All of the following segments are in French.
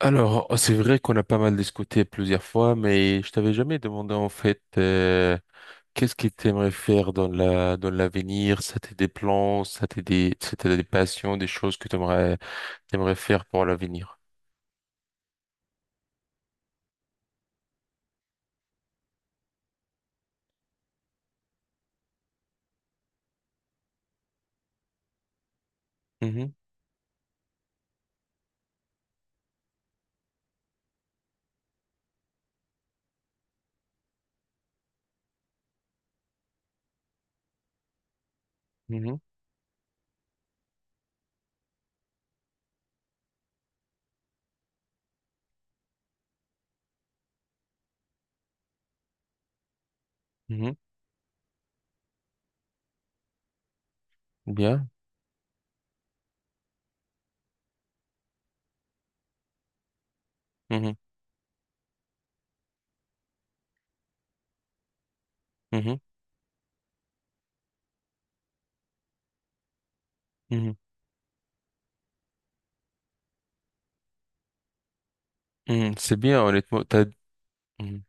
Alors, c'est vrai qu'on a pas mal discuté plusieurs fois, mais je t'avais jamais demandé en fait qu'est-ce que tu aimerais faire dans l'avenir, ça t'est des plans, ça t'est des passions, des choses que tu aimerais t'aimerais faire pour l'avenir. Mhm, mhm, mhm. Bien. Mhm, mhm, mhm, mhm. C'est bien, honnêtement. Mhm.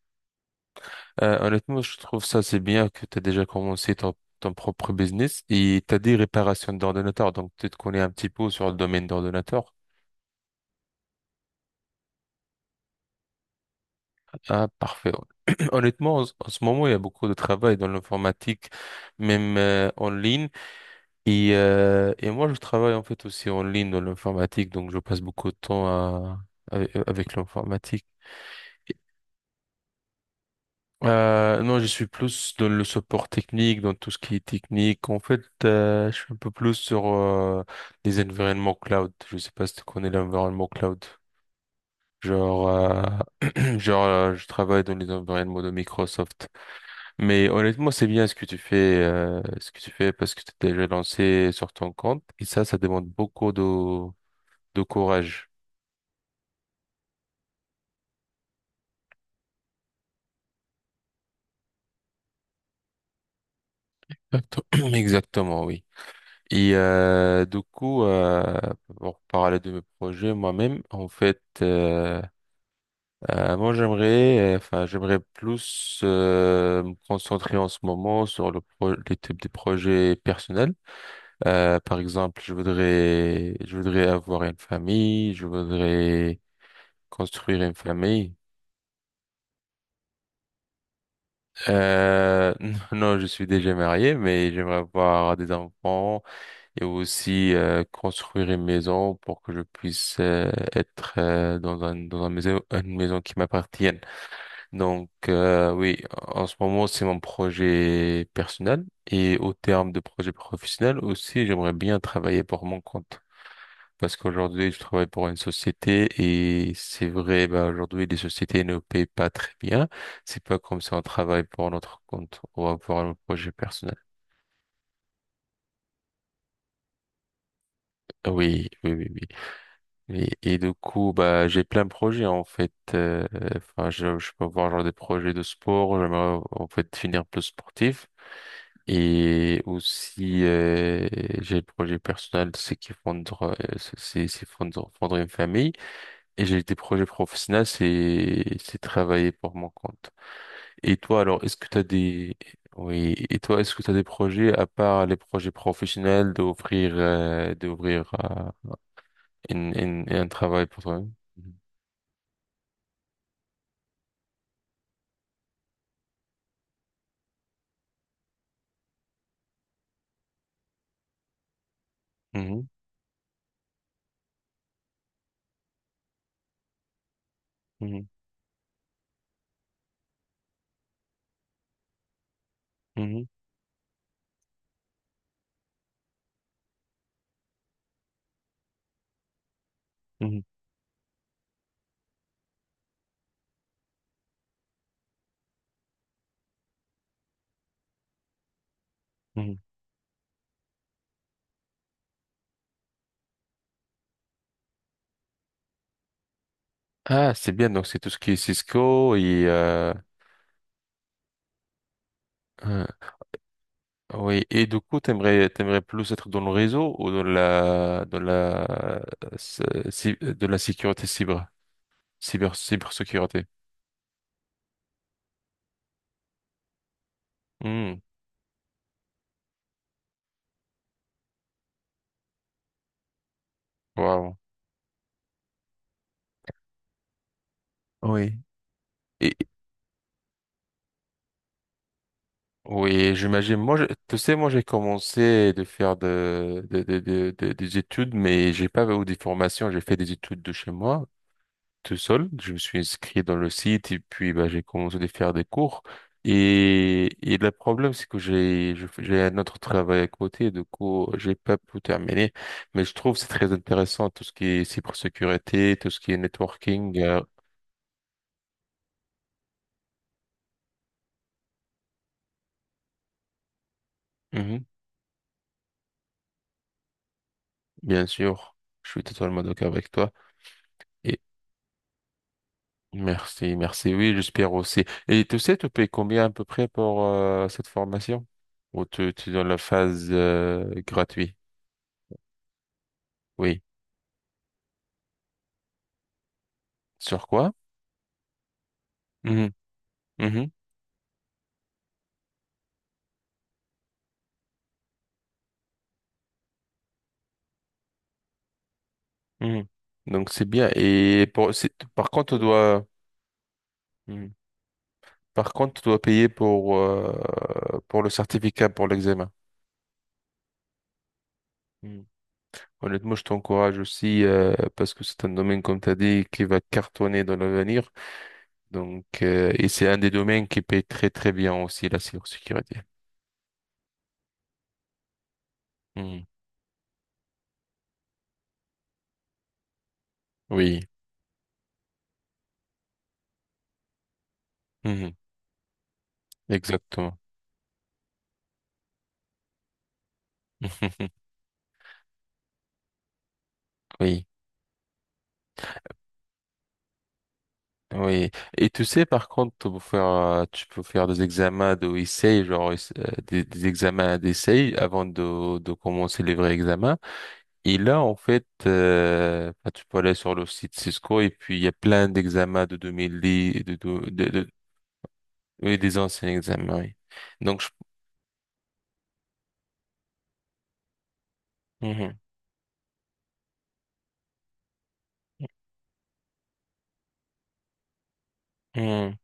Honnêtement, je trouve ça c'est bien que tu as déjà commencé ton, ton propre business et tu as dit réparation d'ordinateur, donc tu te connais un petit peu sur le domaine d'ordinateur. Ah, parfait. Honnêtement, en ce moment, il y a beaucoup de travail dans l'informatique, même en ligne. Et moi, je travaille en fait aussi en ligne dans l'informatique, donc je passe beaucoup de temps avec, avec l'informatique. Non, je suis plus dans le support technique, dans tout ce qui est technique. En fait, je suis un peu plus sur les environnements cloud. Je sais pas si tu connais l'environnement cloud. Je travaille dans les environnements de Microsoft. Mais honnêtement, c'est bien ce que tu fais, ce que tu fais parce que tu t'es déjà lancé sur ton compte et ça demande beaucoup de courage. Exacto- Exactement, oui. Et du coup, pour parler de mes projets moi-même, en fait, moi j'aimerais, enfin j'aimerais plus me concentrer en ce moment sur le pro les types de projets personnels. Par exemple, je voudrais avoir une famille, je voudrais construire une famille. Euh, non, je suis déjà marié, mais j'aimerais avoir des enfants et aussi construire une maison pour que je puisse être dans un maison, une maison qui m'appartienne. Donc oui, en ce moment, c'est mon projet personnel et au terme de projet professionnel aussi, j'aimerais bien travailler pour mon compte. Parce qu'aujourd'hui, je travaille pour une société et c'est vrai, bah, aujourd'hui, les sociétés ne paient pas très bien. C'est pas comme si on travaille pour notre compte ou pour un projet personnel. Ah oui, oui, oui, oui. Et du coup, bah, j'ai plein de projets, en fait. Je peux avoir genre des projets de sport. J'aimerais, en fait, finir plus sportif. Et aussi, j'ai le projet personnel, c'est fondre une famille. Et j'ai des projets professionnels, c'est travailler pour mon compte. Et toi, alors, est-ce que tu as des Oui, et toi, est-ce que tu as des projets à part les projets professionnels d'ouvrir une, un travail pour toi-même? Mhm, mhm, mhm, mhm, mhm. Mhm. Ah, c'est bien. Donc c'est tout ce qui est Cisco et euh, oui. Et du coup, t'aimerais plus être dans le réseau ou dans la de la sécurité cybersécurité? Hmm. Waouh. Oui. Et, oui, j'imagine. Moi, tu sais, moi, j'ai commencé de faire des études, mais j'ai pas eu des formations. J'ai fait des études de chez moi, tout seul. Je me suis inscrit dans le site et puis, bah, j'ai commencé de faire des cours. Et le problème, c'est que je j'ai un autre travail à côté. Du coup, j'ai pas pu terminer. Mais je trouve que c'est très intéressant tout ce qui est cybersécurité, tout ce qui est networking. Mhm, bien sûr, je suis totalement d'accord avec toi. Et Merci, merci. Oui, j'espère aussi. Et tu sais, tu payes combien à peu près pour cette formation? Ou tu donnes la phase gratuite? Oui. Sur quoi? Mhm, mhm, mhm. Donc c'est bien. Et pour, c'est- par contre, tu dois, Mhm. Par contre, tu dois payer pour le certificat, pour l'examen. Mhm. Honnêtement, je t'encourage aussi parce que c'est un domaine, comme tu as dit, qui va cartonner dans l'avenir. Donc, et c'est un des domaines qui paye très très bien aussi la cybersécurité. Hmm. Oui. Mhm. Exactement. Oui, oui. Et tu sais, par contre, tu peux faire des examens d'essai, des examens d'essai avant de commencer les vrais examens. Et là, en fait, bah, tu peux aller sur le site Cisco et puis il y a plein d'examens de 2010, oui, des anciens examens, oui. Donc, je... Mhm.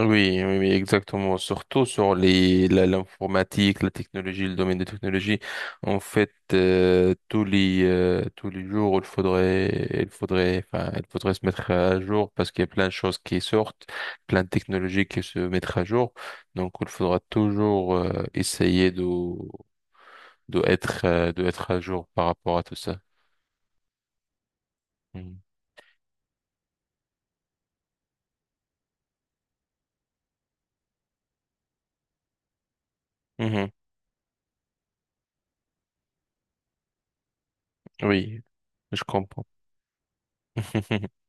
Oui, oui, oui, exactement. Surtout sur l'informatique, la technologie, le domaine de technologie. En fait, tous les jours, il faudrait se mettre à jour parce qu'il y a plein de choses qui sortent, plein de technologies qui se mettent à jour. Donc, il faudra toujours, essayer de être à jour par rapport à tout ça. Mhm. Mhm. Oui, je comprends.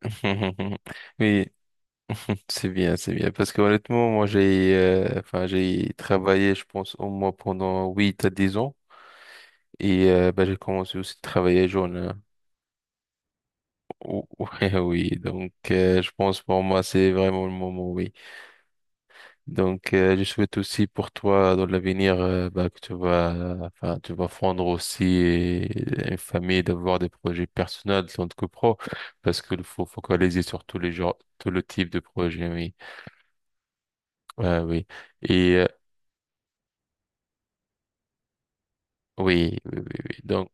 Oui. C'est bien, c'est bien. Parce que honnêtement, moi, j'ai travaillé, je pense, au moins pendant 8 à 10 ans. Et bah, j'ai commencé aussi à travailler jeune. Hein. Ouais, oui. Donc, je pense pour moi, c'est vraiment le moment, oui. Donc, je souhaite aussi pour toi, dans l'avenir, bah, que tu vas, tu vas fondre aussi une famille, d'avoir des projets personnels, tant que pro. Parce qu'il faut focaliser sur tous les genres, tout le type de projet, oui. Ouais, oui. Et oui, oui, oui, oui. Donc,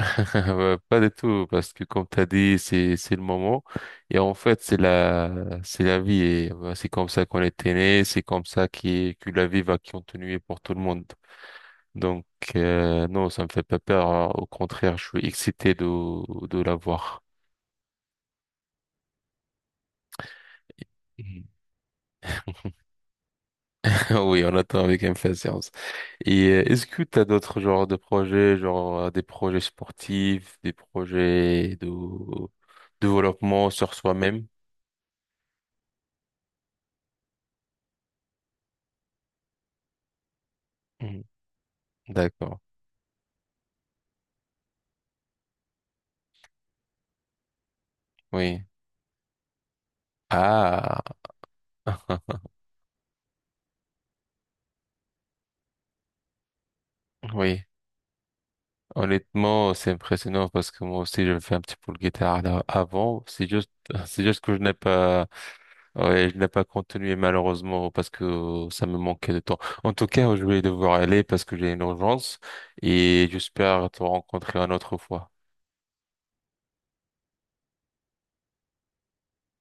pas du tout, parce que comme t'as dit, c'est le moment. Et en fait, c'est la vie. Et c'est comme ça qu'on était né, c'est comme ça que la vie va continuer pour tout le monde. Donc, non, ça me fait pas peur. Hein. Au contraire, je suis excité de la voir. Mhm. Oui, on attend avec impatience. Et est-ce que tu as d'autres genres de projets, des projets sportifs, des projets de développement sur soi-même? Mhm. D'accord, oui. Ah, oui. Honnêtement, c'est impressionnant parce que moi aussi, je fais un petit peu le guitare là, avant. C'est juste, c'est juste que je n'ai pas, ouais, je n'ai pas continué malheureusement parce que ça me manquait de temps. En tout cas, je vais devoir aller parce que j'ai une urgence et j'espère te rencontrer une autre fois.